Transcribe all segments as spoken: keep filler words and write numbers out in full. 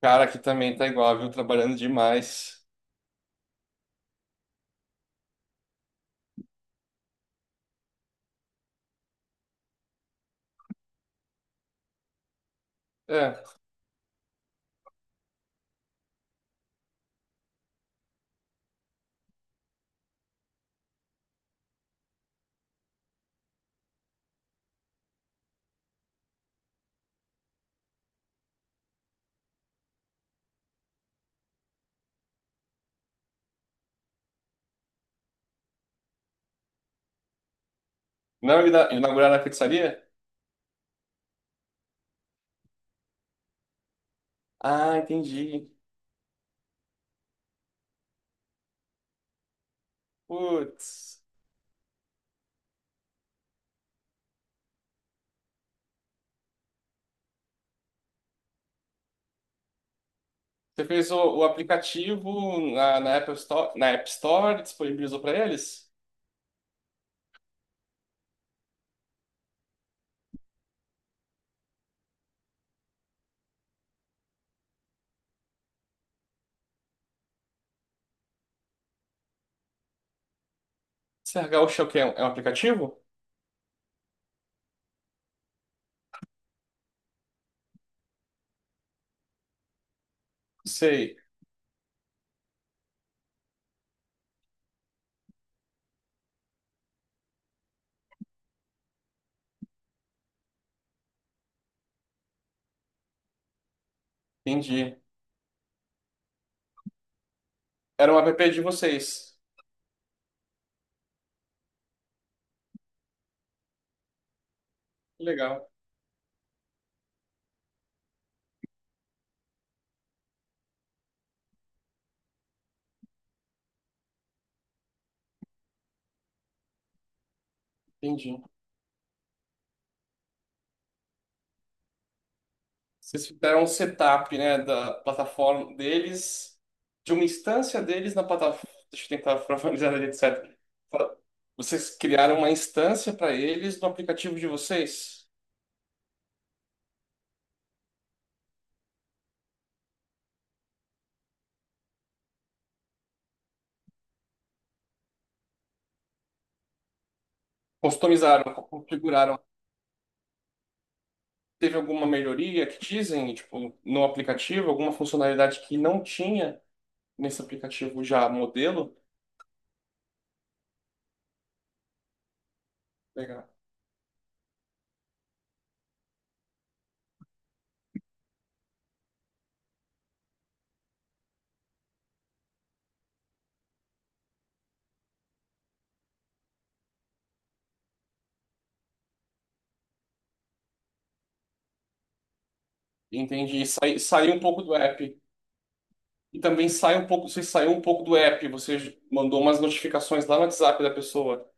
Cara, aqui também tá igual, viu? Trabalhando demais. É. Não ina- inauguraram a pizzaria? Ah, entendi. Putz. Você fez o, o aplicativo na, na Apple Store, na App Store, disponibilizou pra eles? C R Gaúcho é o quê? É um é um aplicativo? Sei, entendi. Era um app de vocês. Legal, entendi. Vocês fizeram um setup, né, da plataforma deles, de uma instância deles na plataforma. Deixa eu tentar formalizar ali, et cetera. Vocês criaram uma instância para eles no aplicativo de vocês? Customizaram, configuraram. Teve alguma melhoria que dizem, tipo, no aplicativo, alguma funcionalidade que não tinha nesse aplicativo já modelo? Legal. Entendi. E Sai, saiu um pouco do app. E também sai um pouco, você saiu um pouco do app, você mandou umas notificações lá no WhatsApp da pessoa.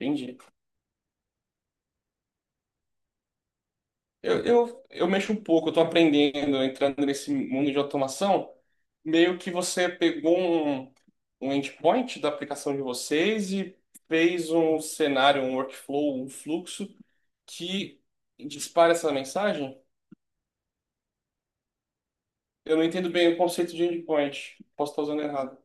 Entendi. Eu, eu, eu mexo um pouco, eu tô aprendendo, entrando nesse mundo de automação. Meio que você pegou um, um endpoint da aplicação de vocês e fez um cenário, um workflow, um fluxo que dispara essa mensagem. Eu não entendo bem o conceito de endpoint. Posso estar usando errado.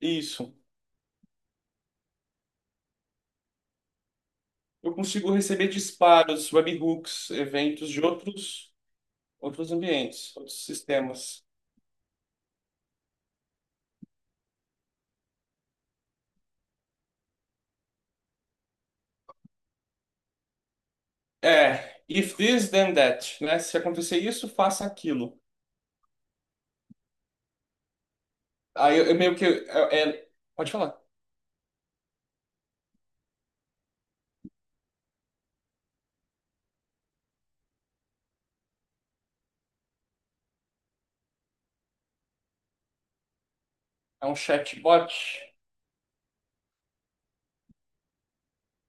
Isso. Eu consigo receber disparos, webhooks, eventos de outros, outros ambientes, outros sistemas. É, if this then that, né? Se acontecer isso, faça aquilo. Aí eu, eu meio que. É, é- pode falar. É um chatbot.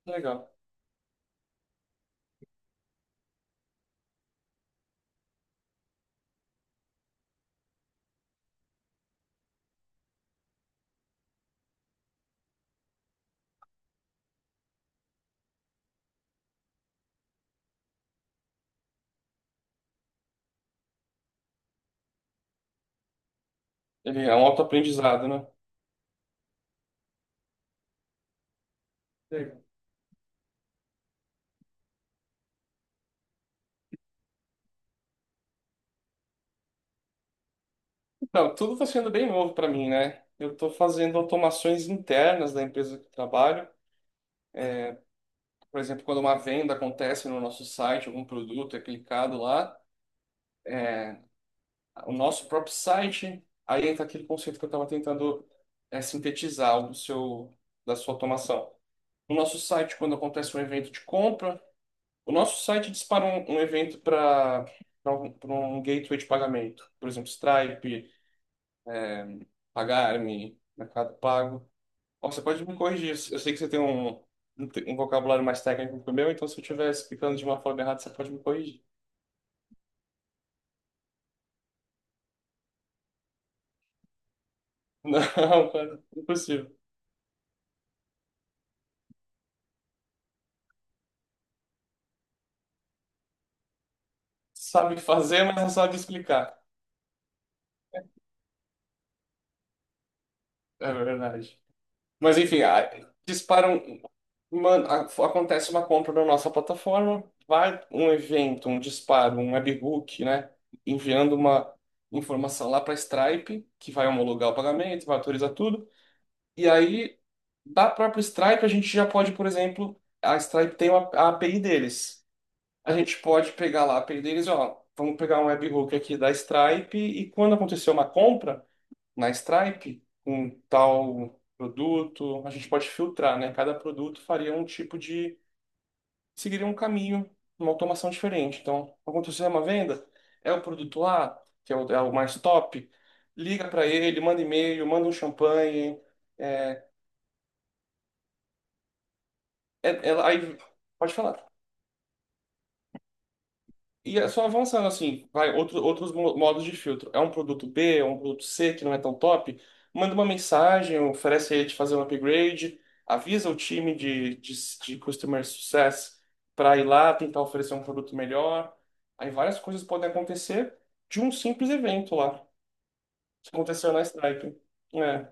Legal. Ele é um autoaprendizado, né? Legal. Então, tudo está sendo bem novo para mim, né? Eu estou fazendo automações internas da empresa que trabalho. Por exemplo, quando uma venda acontece no nosso site, algum produto é clicado lá, o nosso próprio site, aí entra aquele conceito que eu estava tentando é, sintetizar do seu, da sua automação. O nosso site, quando acontece um evento de compra, o nosso site dispara um, um evento para um, pra um gateway de pagamento. Por exemplo, Stripe, Pagar.me, Mercado Pago. Ó, você pode me corrigir. Eu sei que você tem um, um te- um vocabulário mais técnico que o meu, então se eu estiver explicando de uma forma errada, você pode me corrigir. Não, cara, impossível. Sabe fazer, mas não sabe explicar. É verdade. Mas enfim, ah, disparam. Mano, a- acontece uma compra na nossa plataforma, vai um evento, um disparo, um webhook, né? Enviando uma informação lá para Stripe, que vai homologar o pagamento, vai autorizar tudo. E aí, da própria Stripe, a gente já pode, por exemplo, a Stripe tem uma, a API deles. A gente pode pegar lá a API deles, ó, vamos pegar um webhook aqui da Stripe e quando acontecer uma compra na Stripe um tal produto, a gente pode filtrar, né? Cada produto faria um tipo de, seguiria um caminho, uma automação diferente. Então, aconteceu uma venda, é o produto A, que é o, é o mais top, liga para ele, manda e-mail, manda um champanhe, é, é- ela- aí, pode falar. E é só avançando assim, vai outro- outros mo- modos de filtro. É um produto B, é um produto C que não é tão top? Manda uma mensagem, oferece a ele de fazer um upgrade, avisa o time de, de, de Customer Success para ir lá tentar oferecer um produto melhor. Aí várias coisas podem acontecer de um simples evento lá, que aconteceu na Stripe. É,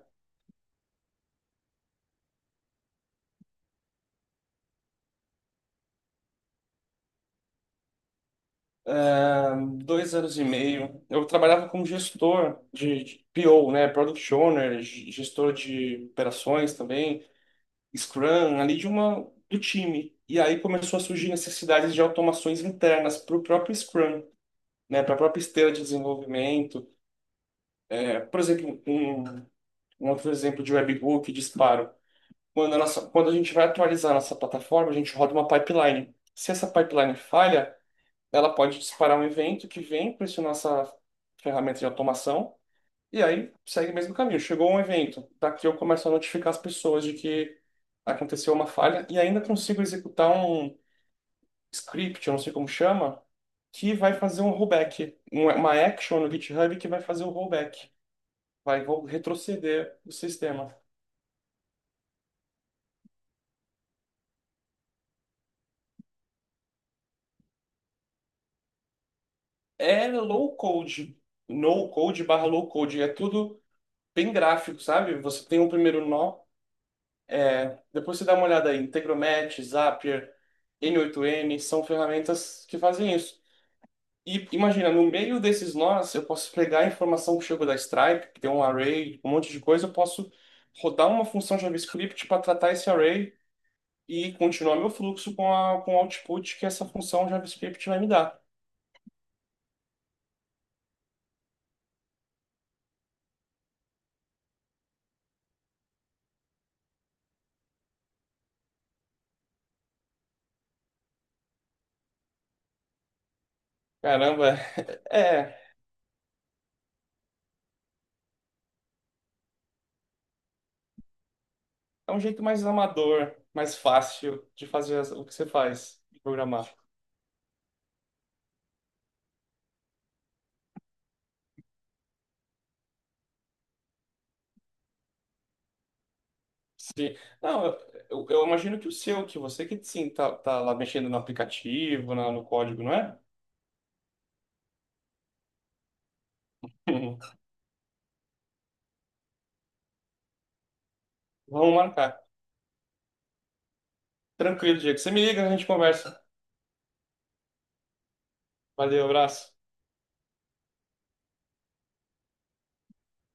dois anos e meio, eu trabalhava como gestor de, de P O, né, Product Owner, g- gestor de operações também. Scrum ali de uma do time. E aí começou a surgir necessidades de automações internas para o próprio Scrum, né, para a própria esteira de desenvolvimento. É, por exemplo, um, um outro exemplo de webhook, disparo. Quando a nossa, quando a gente vai atualizar a nossa plataforma, a gente roda uma pipeline. Se essa pipeline falha, ela pode disparar um evento que vem para essa nossa ferramenta de automação e aí segue o mesmo caminho. Chegou um evento, daqui eu começo a notificar as pessoas de que aconteceu uma falha e ainda consigo executar um script, eu não sei como chama, que vai fazer um rollback, um- uma action no GitHub que vai fazer o rollback, vai vou retroceder o sistema. É low code, no code barra low code, é tudo bem gráfico, sabe? Você tem um primeiro nó, é, depois você dá uma olhada aí, Integromat, Zapier, N oito N, são ferramentas que fazem isso. E imagina, no meio desses nós, eu posso pegar a informação que chegou da Stripe, que tem um array, um monte de coisa, eu posso rodar uma função JavaScript para tratar esse array e continuar meu fluxo com a, com o output que essa função JavaScript vai me dar. Caramba, é, é um jeito mais amador, mais fácil de fazer as- o que você faz, de programar. Sim. Não, eu, eu- eu imagino que o seu, que você que sim, tá, tá lá mexendo no aplicativo, na- no código, não é? Vamos marcar. Tranquilo, Diego. Você me liga, a gente conversa. Valeu, abraço.